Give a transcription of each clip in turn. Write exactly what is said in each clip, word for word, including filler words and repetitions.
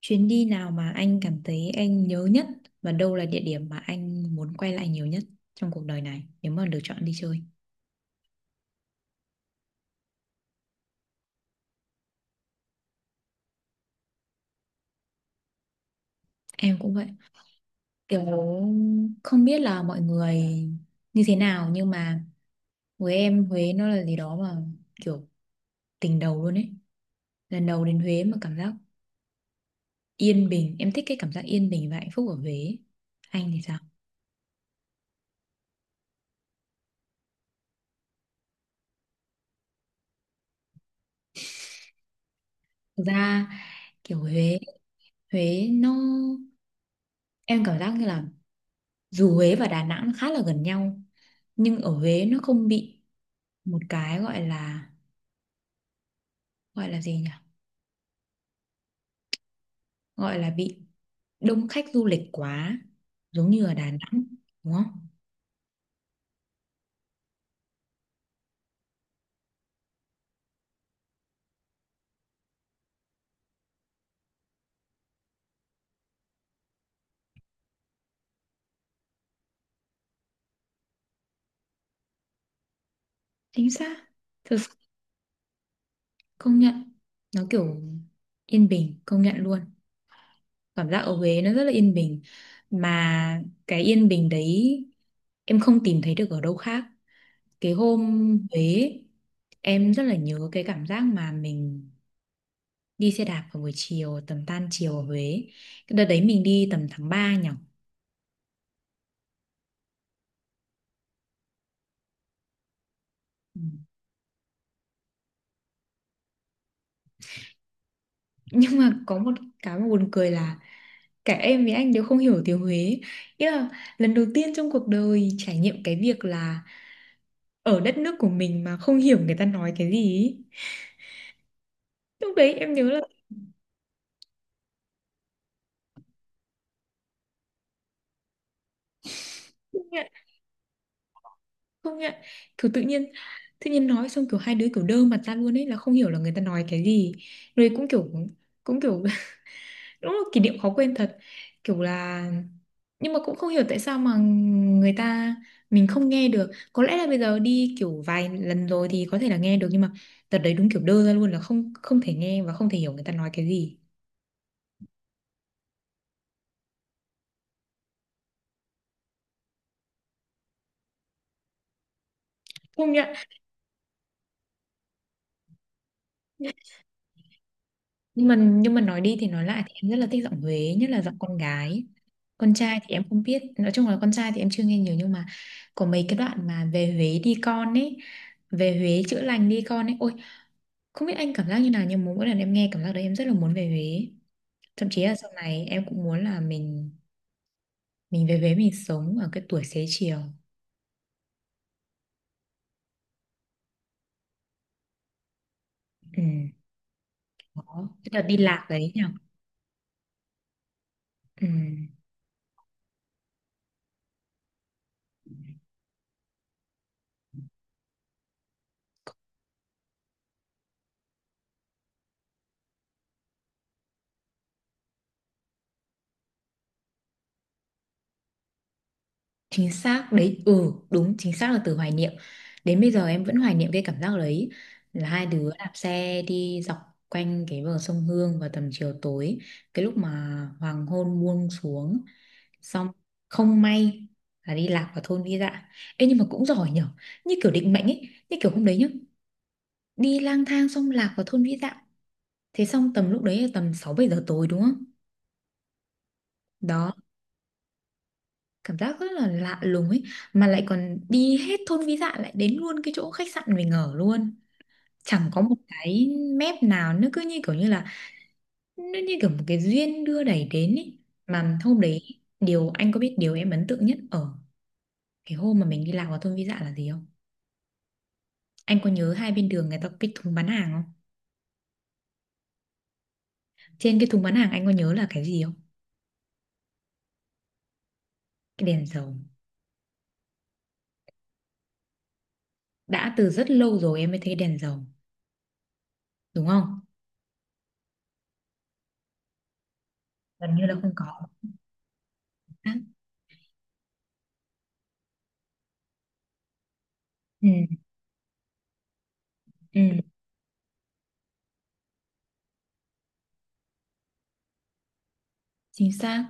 Chuyến đi nào mà anh cảm thấy anh nhớ nhất và đâu là địa điểm mà anh muốn quay lại nhiều nhất trong cuộc đời này nếu mà được chọn đi chơi? Em cũng vậy. Kiểu không biết là mọi người như thế nào nhưng mà với em Huế nó là gì đó mà kiểu tình đầu luôn ấy. Lần đầu đến Huế mà cảm giác yên bình, em thích cái cảm giác yên bình và hạnh phúc ở Huế. Anh thì sao? Thực ra kiểu Huế, Huế nó em cảm giác như là dù Huế và Đà Nẵng khá là gần nhau nhưng ở Huế nó không bị một cái gọi là gọi là gì nhỉ gọi là bị đông khách du lịch quá giống như ở Đà Nẵng, đúng không? Chính xác. Thực sự công nhận, nó kiểu yên bình, công nhận luôn. Cảm giác ở Huế nó rất là yên bình, mà cái yên bình đấy em không tìm thấy được ở đâu khác. Cái hôm Huế, em rất là nhớ cái cảm giác mà mình đi xe đạp vào buổi chiều tầm tan chiều ở Huế. Cái đợt đấy mình đi tầm tháng ba nhỉ. Ừ. Nhưng mà có một cái mà buồn cười là cả em với anh đều không hiểu tiếng Huế ý, là lần đầu tiên trong cuộc đời trải nghiệm cái việc là ở đất nước của mình mà không hiểu người ta nói cái gì ý. Lúc đấy em nhớ là không nhận, không nhận, kiểu tự nhiên tự nhiên nói xong kiểu hai đứa kiểu đơ mặt ra luôn ấy, là không hiểu là người ta nói cái gì. Rồi cũng kiểu cũng kiểu đúng là kỷ niệm khó quên thật. Kiểu là nhưng mà cũng không hiểu tại sao mà người ta mình không nghe được. Có lẽ là bây giờ đi kiểu vài lần rồi thì có thể là nghe được, nhưng mà đợt đấy đúng kiểu đơ ra luôn, là không không thể nghe và không thể hiểu người ta nói cái gì. Không nhận. Nhưng mà nhưng mà nói đi thì nói lại thì em rất là thích giọng Huế, nhất là giọng con gái. Con trai thì em không biết, nói chung là con trai thì em chưa nghe nhiều, nhưng mà có mấy cái đoạn mà "về Huế đi con" ấy, "về Huế chữa lành đi con" ấy, ôi không biết anh cảm giác như nào nhưng mà mỗi lần em nghe cảm giác đấy em rất là muốn về Huế. Thậm chí là sau này em cũng muốn là mình mình về Huế, mình sống ở cái tuổi xế chiều. Ừ. Đó, cái đợt đi lạc đấy nhỉ. Ừ, chính xác đấy. Ừ, đúng, chính xác là từ hoài niệm. Đến bây giờ em vẫn hoài niệm cái cảm giác đấy, là hai đứa đạp xe đi dọc quanh cái bờ sông Hương vào tầm chiều tối, cái lúc mà hoàng hôn buông xuống, xong không may là đi lạc vào thôn Vi Dạ. Ê nhưng mà cũng giỏi nhở, như kiểu định mệnh ấy, như kiểu hôm đấy nhá, đi lang thang xong lạc vào thôn Vĩ Dạ. Thế xong tầm lúc đấy là tầm sáu bảy giờ tối đúng không? Đó, cảm giác rất là lạ lùng ấy. Mà lại còn đi hết thôn Vĩ Dạ lại đến luôn cái chỗ khách sạn mình ở luôn. Chẳng có một cái mép nào, nó cứ như kiểu như là nó như kiểu một cái duyên đưa đẩy đến ấy. Mà hôm đấy, điều anh có biết điều em ấn tượng nhất ở cái hôm mà mình đi lạc vào thôn Vĩ Dạ là gì không? Anh có nhớ hai bên đường người ta có cái thùng bán hàng không? Trên cái thùng bán hàng anh có nhớ là cái gì không? Cái đèn dầu. Đã từ rất lâu rồi em mới thấy cái đèn dầu, đúng không? Gần như là không có. Ừ, ừ, chính xác.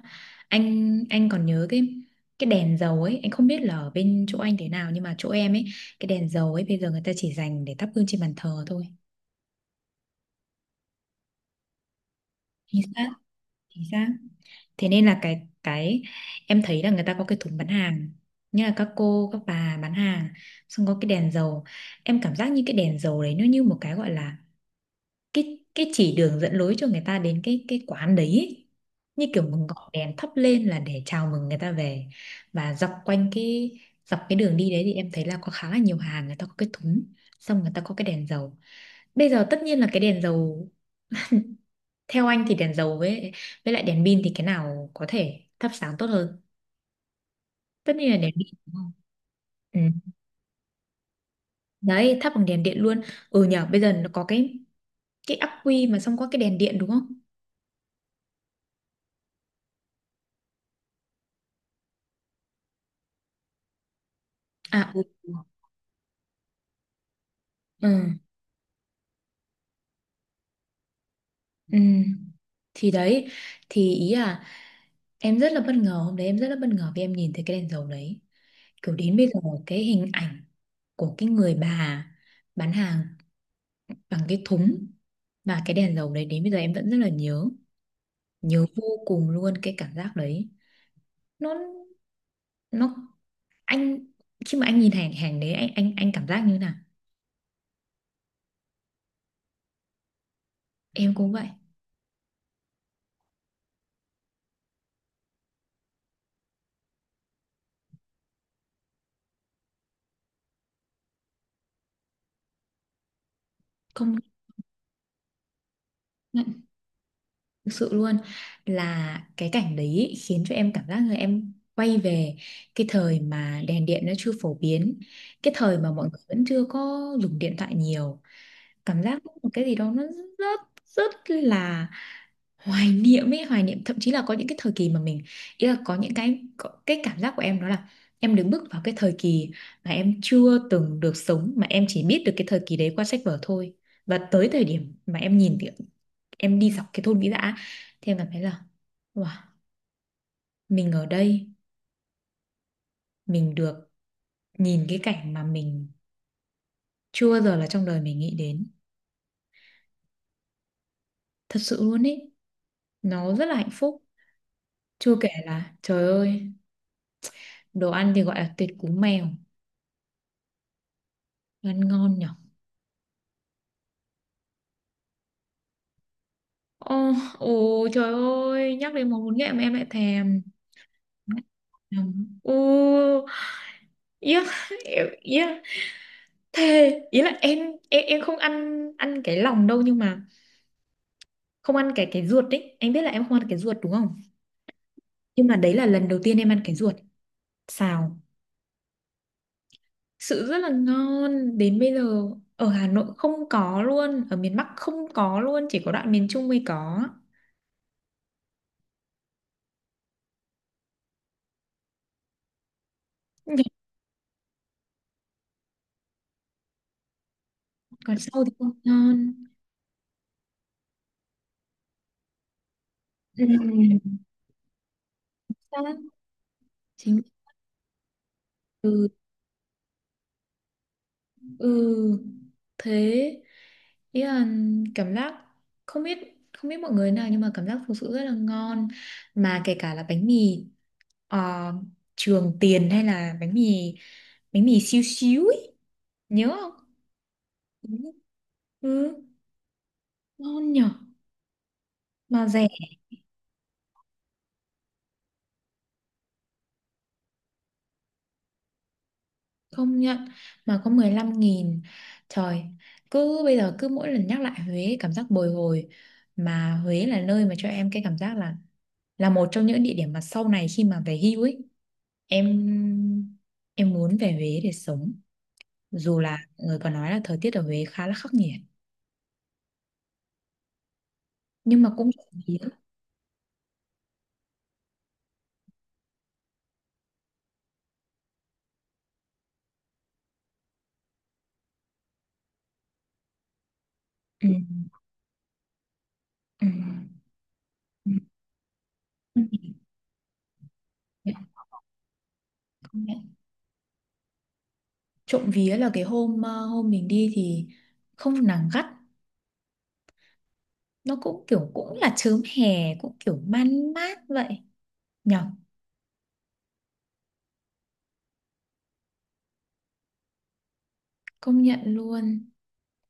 Anh anh còn nhớ cái cái đèn dầu ấy, anh không biết là ở bên chỗ anh thế nào nhưng mà chỗ em ấy, cái đèn dầu ấy bây giờ người ta chỉ dành để thắp hương trên bàn thờ thôi. Chính xác, chính xác. Thế nên là cái cái em thấy là người ta có cái thùng bán hàng, như là các cô, các bà bán hàng, xong có cái đèn dầu. Em cảm giác như cái đèn dầu đấy nó như một cái gọi là cái cái chỉ đường dẫn lối cho người ta đến cái cái quán đấy ấy, như kiểu một ngọn đèn thắp lên là để chào mừng người ta về. Và dọc quanh cái dọc cái đường đi đấy thì em thấy là có khá là nhiều hàng người ta có cái thúng, xong người ta có cái đèn dầu. Bây giờ tất nhiên là cái đèn dầu, theo anh thì đèn dầu với với lại đèn pin thì cái nào có thể thắp sáng tốt hơn? Tất nhiên là đèn pin đúng không. Ừ. Đấy, thắp bằng đèn điện luôn. Ừ nhờ, bây giờ nó có cái cái ắc quy mà xong có cái đèn điện đúng không? À ừ. Ừ. Ừ. Thì đấy, thì ý là em rất là bất ngờ, hôm đấy em rất là bất ngờ vì em nhìn thấy cái đèn dầu đấy. Kiểu đến bây giờ cái hình ảnh của cái người bà bán hàng bằng cái thúng và cái đèn dầu đấy, đến bây giờ em vẫn rất là nhớ, nhớ vô cùng luôn cái cảm giác đấy. Nó nó anh khi mà anh nhìn hàng hàng đấy anh anh anh cảm giác như thế nào? Em cũng vậy. Không, thực sự luôn là cái cảnh đấy ý, khiến cho em cảm giác là em quay về cái thời mà đèn điện nó chưa phổ biến, cái thời mà mọi người vẫn chưa có dùng điện thoại nhiều. Cảm giác có một cái gì đó nó rất rất là hoài niệm ấy, hoài niệm thậm chí là có những cái thời kỳ mà mình, ý là có những cái có, cái cảm giác của em đó là em đứng bước vào cái thời kỳ mà em chưa từng được sống, mà em chỉ biết được cái thời kỳ đấy qua sách vở thôi. Và tới thời điểm mà em nhìn thì em đi dọc cái thôn Vĩ Dạ, thì em cảm thấy là wow, mình ở đây mình được nhìn cái cảnh mà mình chưa bao giờ là trong đời mình nghĩ đến, thật sự luôn ấy, nó rất là hạnh phúc. Chưa kể là trời ơi, đồ ăn thì gọi là tuyệt cú mèo, ăn ngon nhỉ. Ồ, ồ trời ơi, nhắc đến món bún nghệ mà em lại thèm. Ồ, yeah, yeah, thề, ý là em em em không ăn ăn cái lòng đâu, nhưng mà không ăn cái cái ruột đấy. Anh biết là em không ăn cái ruột đúng không? Nhưng mà đấy là lần đầu tiên em ăn cái ruột. Xào, sự rất là ngon. Đến bây giờ ở Hà Nội không có luôn, ở miền Bắc không có luôn, chỉ có đoạn miền Trung mới có. Nhưng còn sau thì không ngon. Ừ. Chính xác. Ừ. Ừ, thế ý là cảm giác không biết không biết mọi người nào, nhưng mà cảm giác thực sự rất là ngon, mà kể cả là bánh mì ờ, Trường Tiền, hay là bánh mì bánh mì xíu xíu ấy, nhớ không? Ừ, ừ, ngon nhở, mà rẻ. Không nhận, mà có mười lăm nghìn, trời. Cứ bây giờ cứ mỗi lần nhắc lại Huế cảm giác bồi hồi. Mà Huế là nơi mà cho em cái cảm giác là là một trong những địa điểm mà sau này khi mà về hưu ấy, em em muốn về Huế để sống, dù là người còn nói là thời tiết ở Huế khá là khắc nghiệt, nhưng mà cũng trộm vía. Ừ. Ừ. Ừ. Công công nhận. Trộm vía là cái hôm ờ, hôm mình đi thì không nắng gắt, nó cũng kiểu cũng là chớm hè, cũng kiểu man mát vậy nhở. Công nhận luôn.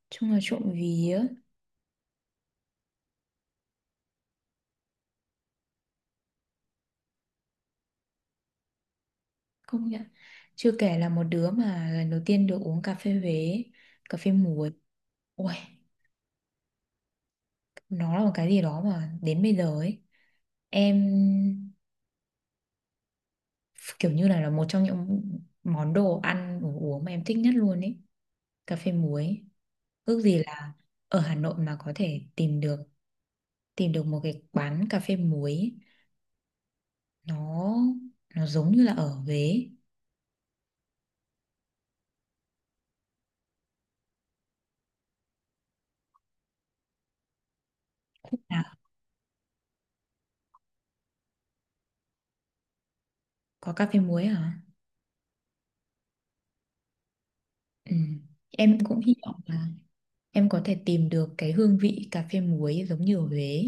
Chung là trộm vía. Công nhận. Chưa kể là một đứa mà lần đầu tiên được uống cà phê Huế, cà phê muối. Ôi, nó là một cái gì đó mà đến bây giờ ấy, em kiểu như là là một trong những món đồ ăn đồ uống mà em thích nhất luôn ấy, cà phê muối. Ước gì là ở Hà Nội mà có thể tìm được tìm được một cái quán cà phê muối ấy. nó nó giống như là ở Huế. À, có cà phê muối hả? Ừ. Em cũng hy vọng là em có thể tìm được cái hương vị cà phê muối giống như ở Huế